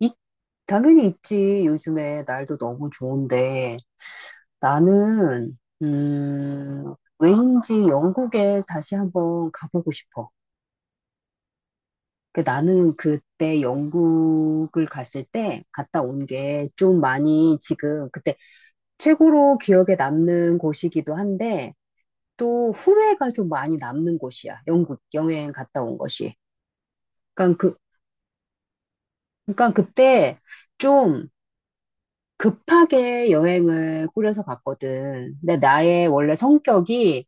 이- 당연히 있지. 요즘에 날도 너무 좋은데 나는 왜인지 영국에 다시 한번 가보고 싶어. 나는 그때 영국을 갔을 때 갔다 온 게 좀 많이 지금 그때 최고로 기억에 남는 곳이기도 한데 또 후회가 좀 많이 남는 곳이야. 영국 여행 갔다 온 것이. 그러니까 그 그러니까 그때 좀 급하게 여행을 꾸려서 갔거든. 근데 나의 원래 성격이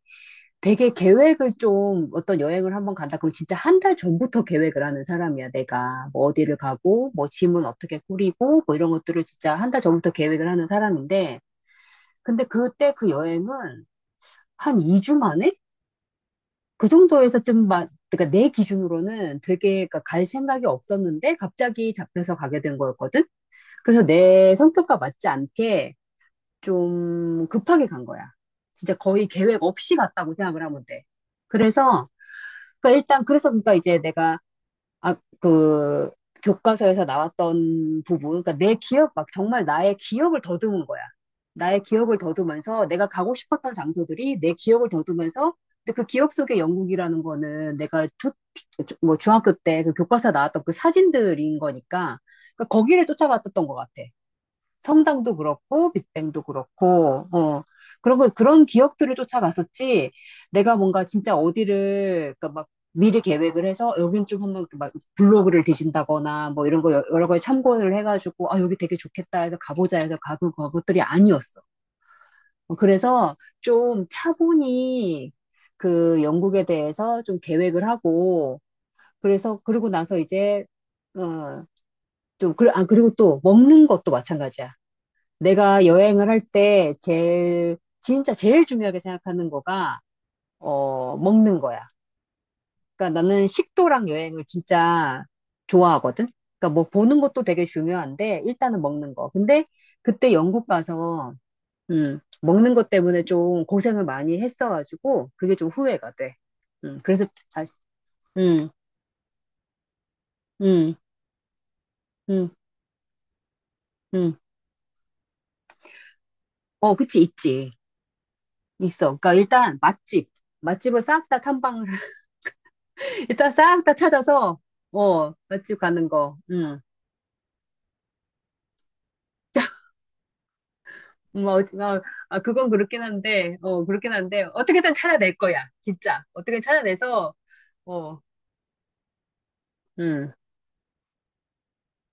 되게 계획을 좀 어떤 여행을 한번 간다. 그럼 진짜 한 달 전부터 계획을 하는 사람이야, 내가. 뭐 어디를 가고, 뭐 짐은 어떻게 꾸리고, 뭐 이런 것들을 진짜 한 달 전부터 계획을 하는 사람인데, 근데 그때 그 여행은 한 2주 만에? 그 정도에서 좀 막, 그러니까 내 기준으로는 되게 그러니까 갈 생각이 없었는데 갑자기 잡혀서 가게 된 거였거든? 그래서 내 성격과 맞지 않게 좀 급하게 간 거야. 진짜 거의 계획 없이 갔다고 생각을 하면 돼. 그래서, 그러니까 일단, 그래서 그러니까 이제 내가, 아, 그, 교과서에서 나왔던 부분, 그러니까 내 기억, 막 정말 나의 기억을 더듬은 거야. 나의 기억을 더듬으면서 내가 가고 싶었던 장소들이 내 기억을 더듬으면서 근데 그 기억 속의 영국이라는 거는 뭐 중학교 때 그 교과서 나왔던 그 사진들인 거니까 그러니까 거기를 쫓아갔었던 것 같아. 성당도 그렇고 빅뱅도 그렇고 그런 거 그런 기억들을 쫓아갔었지. 내가 뭔가 진짜 어디를 그러니까 막 미리 계획을 해서 여긴 좀 한번 그막 블로그를 뒤진다거나 뭐 이런 거 여러 가지 참고를 해가지고 아 여기 되게 좋겠다 해서 가보자 해서 가본 것들이 아니었어. 어, 그래서 좀 차분히 그 영국에 대해서 좀 계획을 하고 그래서 그러고 나서 이제 어좀 아 그리고 또 먹는 것도 마찬가지야. 내가 여행을 할 때 제일, 진짜 제일 중요하게 생각하는 거가, 어, 먹는 거야. 그러니까 나는 식도락 여행을 진짜 좋아하거든? 그러니까 뭐 보는 것도 되게 중요한데, 일단은 먹는 거. 근데 그때 영국 가서, 먹는 것 때문에 좀 고생을 많이 했어가지고, 그게 좀 후회가 돼. 그래서, 아, 음, 음, 음, 음. 어, 그치, 있지. 있어. 그러니까 일단 맛집. 맛집을 싹 다 탐방 일단 싹 다 찾아서, 어, 맛집 가는 거, 응. 음, 어, 어, 아, 그건 그렇긴 한데, 어, 그렇긴 한데, 어떻게든 찾아낼 거야, 진짜. 어떻게든 찾아내서, 어, 응,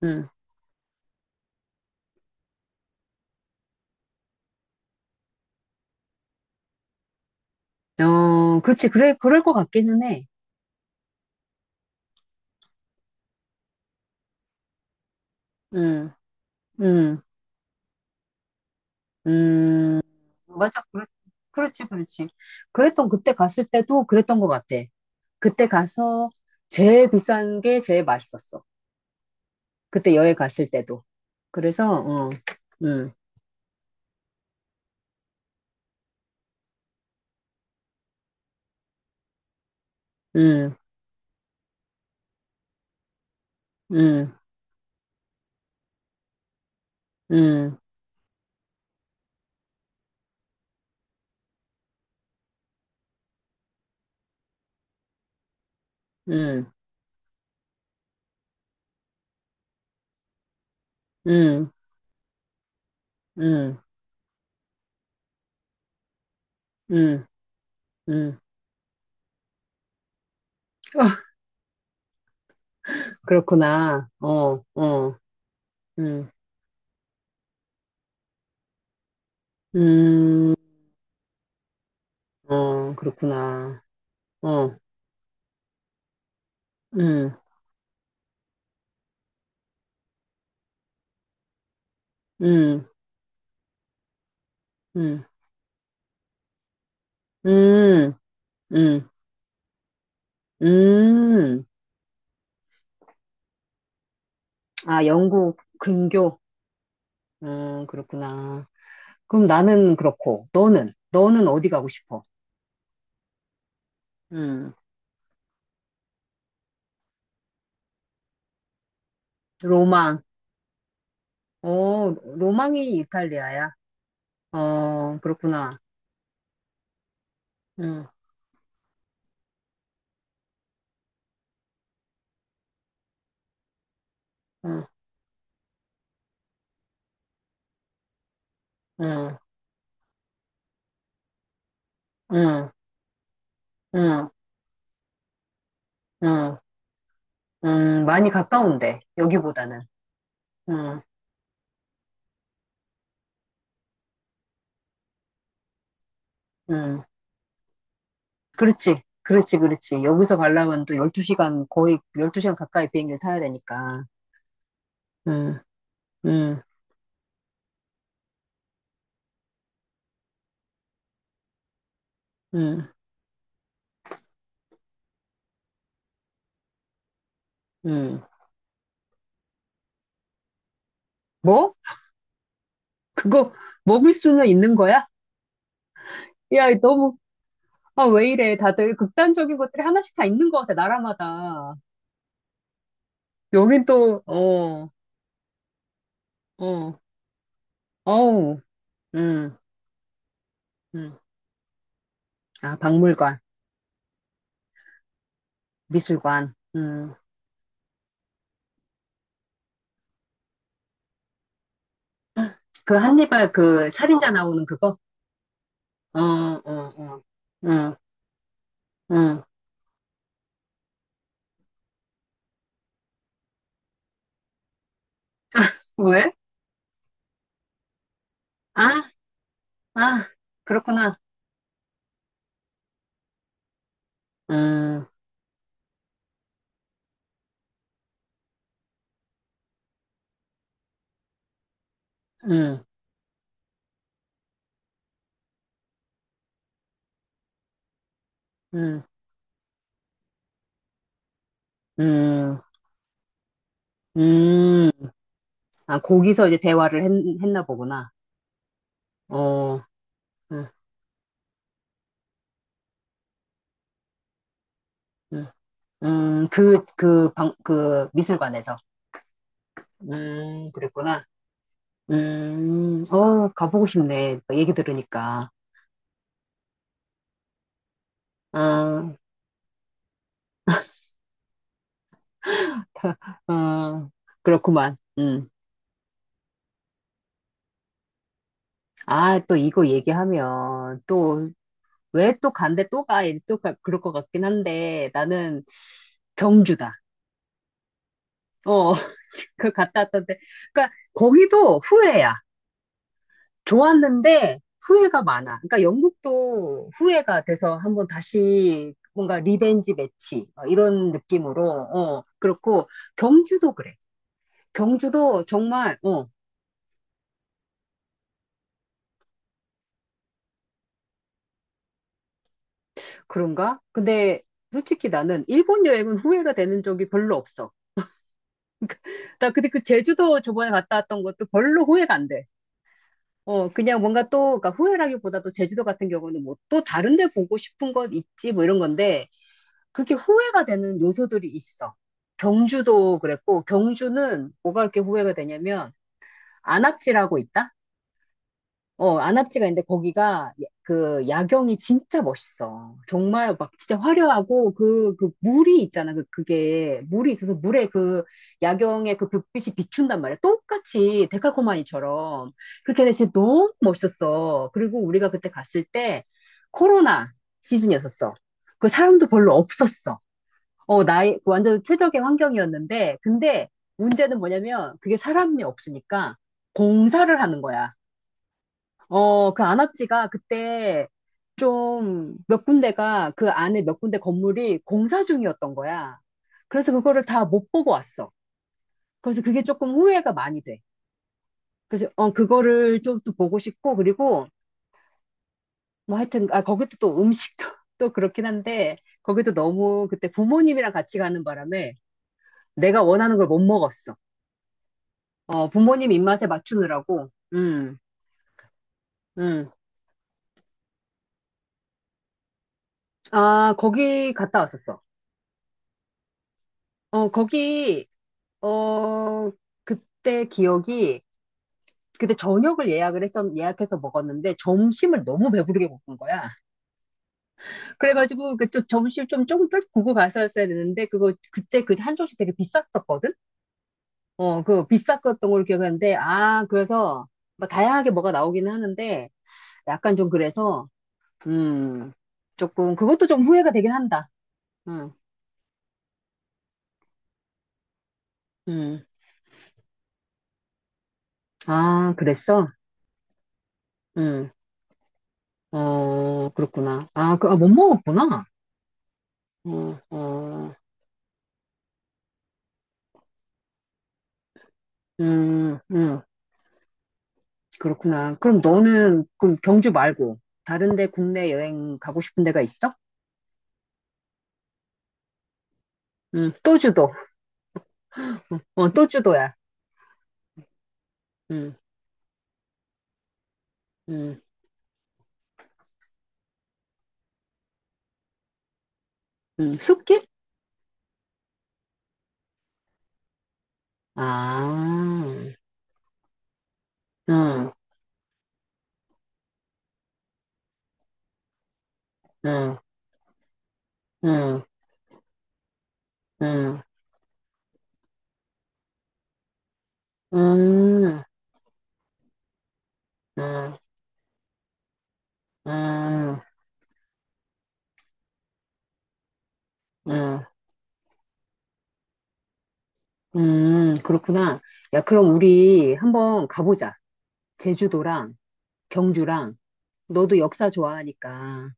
응. 어, 그렇지, 그래, 그럴 것 같기는 해. 응, 응, 응. 맞아, 그렇지, 그렇지. 그랬던, 그때 갔을 때도 그랬던 것 같아. 그때 가서 제일 비싼 게 제일 맛있었어. 그때 여행 갔을 때도. 그래서, 어, 응, 응, 응. 음, 음, 음, 음, 음, 음. 아, 그렇구나. 어, 어, 음, 음, 어, 그렇구나. 어, 음, 음, 음, 음, 음, 음. 아, 영국 근교. 그렇구나. 그럼 나는 그렇고, 너는 어디 가고 싶어? 음, 로망. 어, 로망이 이탈리아야. 어, 그렇구나. 음, 음, 음, 음. 음. 음, 많이 가까운데, 여기보다는. 음, 음, 그렇지, 그렇지, 그렇지. 여기서 가려면 또 12시간, 거의 12시간 가까이 비행기를 타야 되니까. 음, 음, 음, 음. 뭐? 그거 먹을 수는 있는 거야? 야, 너무, 아, 왜 이래. 다들 극단적인 것들이 하나씩 다 있는 것 같아, 나라마다. 여긴 또, 어, 어, 어우, 음, 음. 아, 박물관, 미술관, 그 한니발 그 살인자 나오는 그거? 어, 어, 어, 응 음. 왜? 아, 아, 그렇구나. 음, 음, 음, 음, 음. 아, 거기서 이제 대화를 했, 했나 보구나. 어, 음, 음, 그, 그 방, 그 미술관에서. 그랬구나. 어, 가보고 싶네. 얘기 들으니까. 아, 어, 그렇구만. 음. 아, 또 이거 얘기하면 또 왜 또 간대 또 가? 이제 그럴 것 같긴 한데 나는 경주다. 어, 그 갔다 왔던데. 그러니까 거기도 후회야. 좋았는데 후회가 많아. 그러니까 영국도 후회가 돼서 한번 다시 뭔가 리벤지 매치 어, 이런 느낌으로 어 그렇고 경주도 그래. 경주도 정말 어 그런가? 근데 솔직히 나는 일본 여행은 후회가 되는 적이 별로 없어. 나 근데 그 제주도 저번에 갔다 왔던 것도 별로 후회가 안 돼. 어, 그냥 뭔가 또, 그러니까 후회라기보다도 제주도 같은 경우는 뭐 또 다른 데 보고 싶은 것 있지 뭐 이런 건데, 그게 렇 후회가 되는 요소들이 있어. 경주도 그랬고, 경주는 뭐가 그렇게 후회가 되냐면, 안압질하고 있다? 어, 안압지가 있는데 거기가 그 야경이 진짜 멋있어. 정말 막 진짜 화려하고 그 물이 있잖아. 그게 물이 있어서 물에 그 야경에 그 불빛이 비춘단 말이야. 똑같이 데칼코마니처럼. 그렇게 해서 진짜 너무 멋있었어. 그리고 우리가 그때 갔을 때 코로나 시즌이었었어. 그 사람도 별로 없었어. 어, 나이, 완전 최적의 환경이었는데 근데 문제는 뭐냐면 그게 사람이 없으니까 공사를 하는 거야. 어, 그 안압지가 그때 좀 몇 군데가 그 안에 몇 군데 건물이 공사 중이었던 거야. 그래서 그거를 다 못 보고 왔어. 그래서 그게 조금 후회가 많이 돼. 그래서 어, 그거를 좀 또 보고 싶고 그리고 뭐 하여튼 아 거기도 또 음식도 또 그렇긴 한데 거기도 너무 그때 부모님이랑 같이 가는 바람에 내가 원하는 걸 못 먹었어. 어, 부모님 입맛에 맞추느라고. 음. 음. 아, 거기 갔다 왔었어. 어, 거기 어, 그때 기억이, 그때 저녁을 예약을 했었, 예약해서 먹었는데, 점심을 너무 배부르게 먹은 거야. 그래가지고, 좀 점심 좀 조금 더 구고 갔었어야 되는데, 그때 그 한 조씩 되게 비쌌었거든? 어, 그 비쌌었던 걸 기억하는데, 아, 그래서, 막 다양하게 뭐가 나오기는 하는데, 약간 좀 그래서, 음, 조금, 그것도 좀 후회가 되긴 한다. 음, 음. 아, 그랬어? 음, 어, 그렇구나. 아, 못 먹었구나. 어, 어. 음, 음, 그렇구나. 그럼 너는, 그럼 경주 말고, 다른데 국내 여행 가고 싶은 데가 있어? 또주도. 어, 또주도야. 음, 음, 숲길? 아, 음, 음, 음, 음, 음, 음, 음, 음, 그렇구나. 야, 그럼 우리 한번 가보자. 제주도랑 경주랑, 너도 역사 좋아하니까,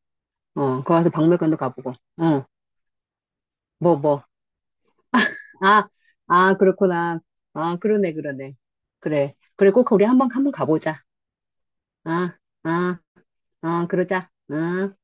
어, 거기 가서 박물관도 가보고, 어, 뭐, 뭐. 아, 아, 그렇구나. 아, 그러네, 그러네. 그래. 그래, 꼭 우리 한번, 한번 가보자. 아, 아, 아, 그러자. 아.